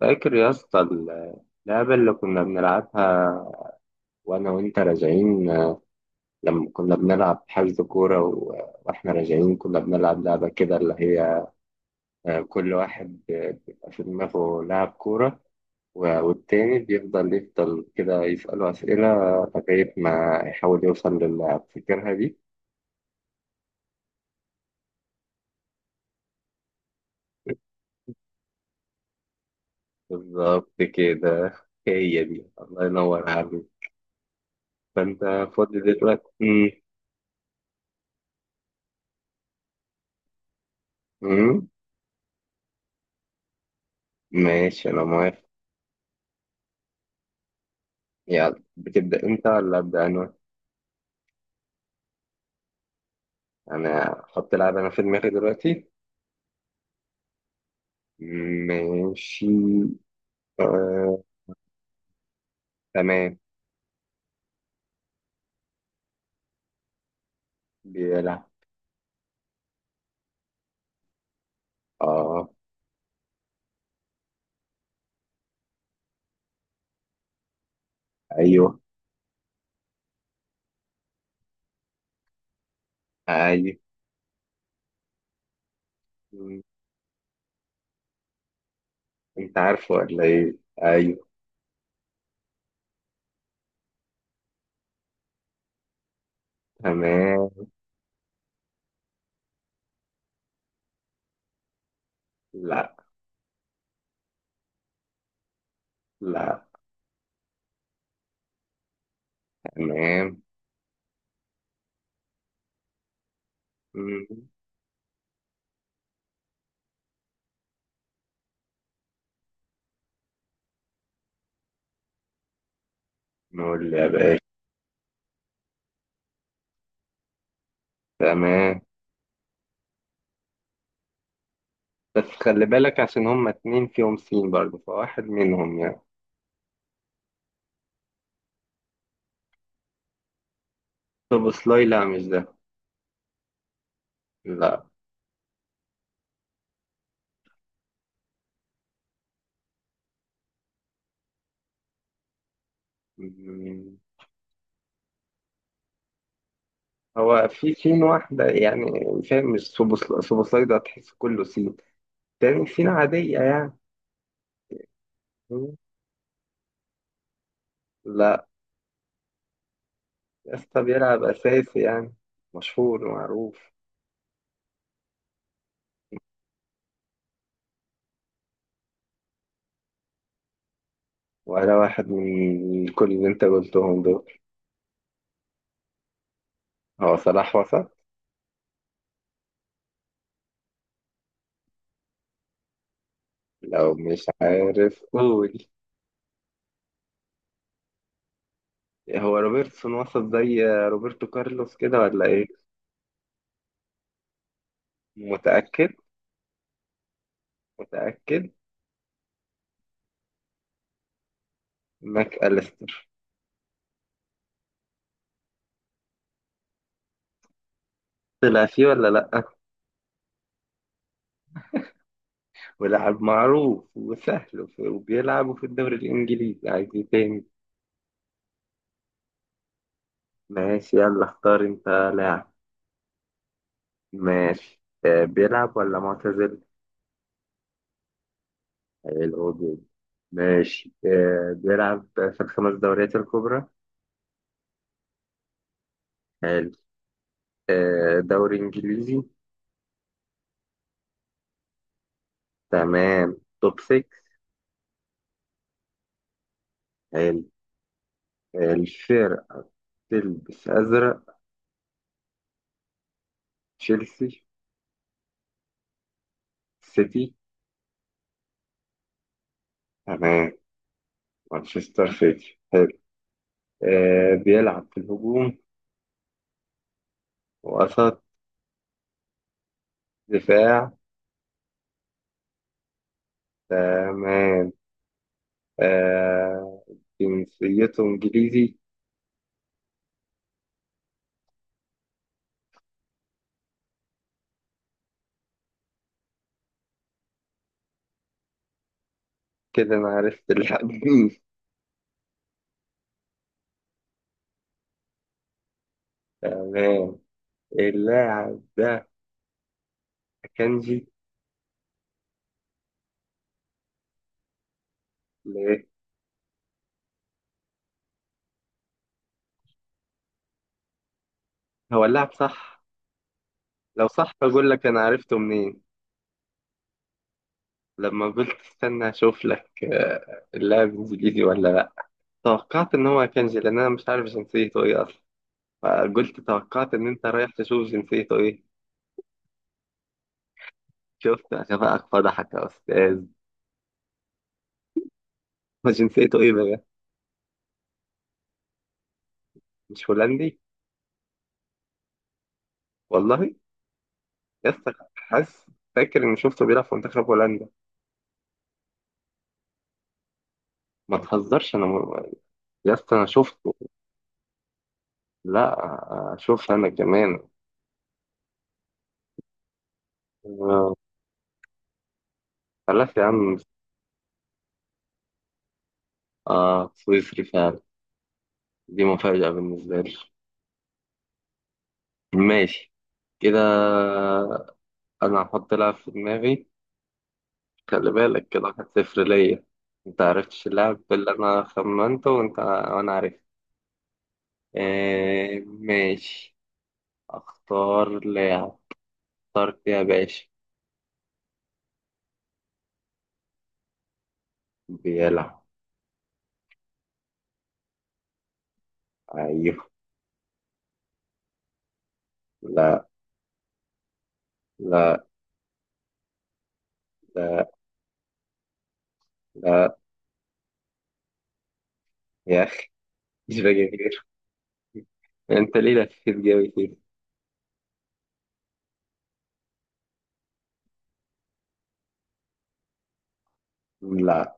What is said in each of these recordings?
فاكر يا اسطى اللعبة اللي كنا بنلعبها وأنا وأنت راجعين؟ لما كنا بنلعب حجز كورة وإحنا راجعين كنا بنلعب لعبة كده اللي هي كل واحد بيبقى في دماغه لاعب كورة والتاني بيفضل يفضل كده يسأله أسئلة لغاية ما يحاول يوصل للاعب، فاكرها دي؟ بالظبط كده، هي دي، الله ينور عليك. فأنت فاضي دلوقتي؟ مم. ماشي أنا موافق. يلا، بتبدأ انت ولا أبدأ انا؟ انا احط لعبة انا في دماغي دلوقتي. ماشي. آه. تمام. بيلعب. اه. ايوه. ايوه. م، انت عارفه ولا ايه؟ ايوه. تمام. لا. لا. تمام. م، نقول يا باشا. تمام. بس خلي بالك عشان هما اتنين فيهم سين برضه، فواحد منهم يعني. طب سلاي، لا مش ده. لا، هو في سين واحدة يعني. فاهم؟ مش سوبوسلايدا تحس كله سين. تاني سين عادية يعني. مم. لا. يسطا بيلعب أساسي يعني، مشهور ومعروف. ولا واحد من كل اللي انت قلتهم دول. هو صلاح وسط؟ لو مش عارف قول. هو روبرتسون وسط زي روبرتو كارلوس كده ولا ايه؟ متأكد؟ متأكد. ماك أليستر. طلع فيه ولا لأ؟ ولاعب معروف وسهل وبيلعبوا في الدوري الإنجليزي، عايز ايه تاني؟ ماشي، يلا اختار انت لاعب. ماشي. بيلعب ولا معتزل؟ حلو جدا. ماشي. بيلعب في الخمس دوريات الكبرى؟ حلو. دوري إنجليزي؟ تمام، توب 6. حلو. آه، الفرق تلبس أزرق؟ تشيلسي؟ سيتي؟ تمام، مانشستر سيتي. حلو. بيلعب في الهجوم؟ وسط؟ دفاع؟ تمام. آه، جنسيته إنجليزي؟ كده أنا عرفت اللاعب مين. تمام. اللاعب ده كانجي. ليه؟ هو اللاعب صح؟ لو صح، بقول لك أنا عرفته منين. لما قلت استنى أشوف لك اللاعب إنجليزي ولا لأ، توقعت إن هو كانجي لأن أنا مش عارف جنسيته إيه أصلا. فقلت توقعت إن أنت رايح تشوف جنسيته إيه. شفت؟ عشان بقى فضحك يا أستاذ. هو جنسيته إيه بقى؟ مش هولندي؟ والله؟ يسطا كنت حاسس، فاكر اني شفته بيلعب في منتخب هولندا. ما تهزرش، انا. يسطا انا شفته. لا، شفت انا كمان. آه، خلاص يا عم. اه، سويسري فعلا. دي مفاجأة بالنسبة لي. ماشي. كده انا هحط لعب في دماغي. خلي بالك كده، واحد صفر ليا. انت عرفتش اللعب اللي انا خمنته، وانت، وانا عرفت. آه، ماشي. اختار لاعب. اخترت يا باشا. بيلعب. ايوه. لا. لا. لا. لا. يا أخي، مش باجي غير أنت، ليه لفيت جوي كده؟ لا.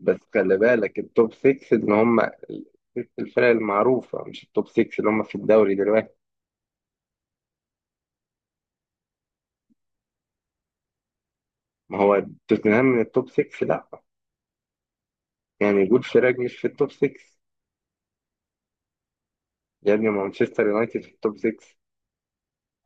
بس خلي بالك التوب 6 إن هم ست الفرق المعروفة، مش التوب 6 اللي هم في الدوري دلوقتي. ما هو توتنهام من التوب 6، لا. يعني جود فراج مش في التوب 6؟ يا ابني مانشستر يونايتد في التوب 6.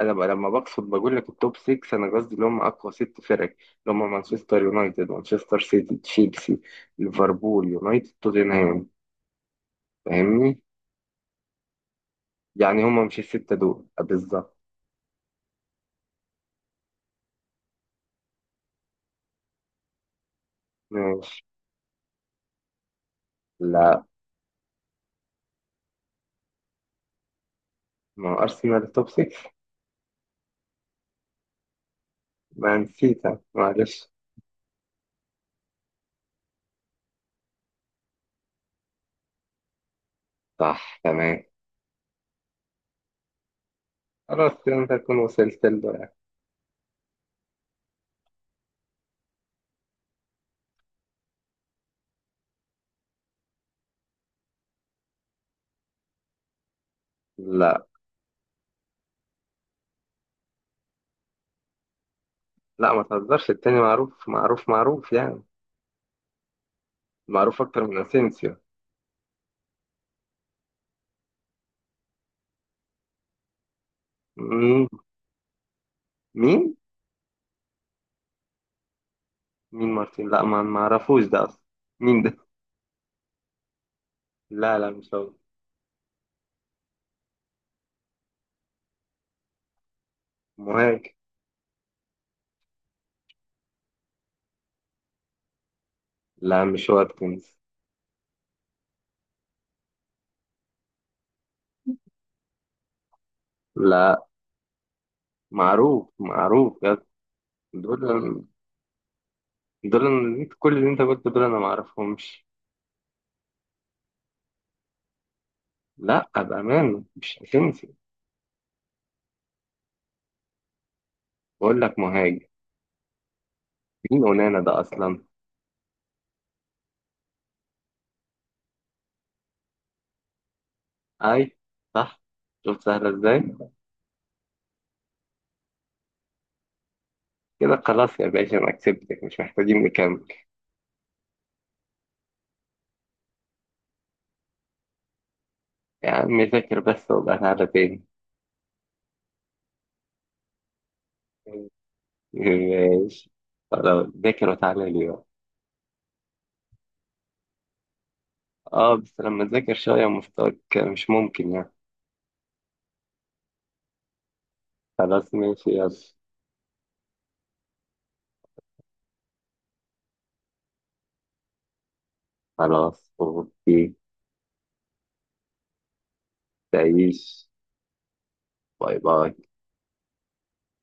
أنا بقى لما بقصد بقول لك التوب 6، أنا قصدي اللي هم أقوى ست فرق، اللي هم مانشستر يونايتد، مانشستر سيتي، تشيلسي، ليفربول يونايتد، توتنهام. فاهمني؟ يعني هما مش الستة دول بالظبط. ماشي. لا. ما هو أرسنال توب 6. ما نسيتها معلش. صح، تمام. خلاص كده أنت تكون وصلت له يعني. لا. لا، ما تهزرش، التاني معروف معروف معروف يعني، معروف أكتر من أسينسيو. مم. مين؟ مين مارتين؟ لا، ما أعرفوش ده أصلا. مين ده؟ لا لا، مش هو. مهاجم. لا مش واتكنز. لا، معروف معروف بجد. دول، دول كل اللي انت قلته دول انا ما اعرفهمش. لا بأمانة، مش اسينسيو. بقول لك مهاجم. مين اونانا ده اصلا؟ اي. صح. شوف سهله ازاي. كده خلاص يا باشا، انا كسبتك، مش محتاجين نكمل. يا عم ذاكر بس وابقى تعالى تاني. ماشي. خلاص، ذاكر وتعالى لي بقى. اه، بس لما تذاكر شويه، مستواك مش ممكن يعني. خلاص ماشي يلا. خلاص اوكي. تعيش. باي باي.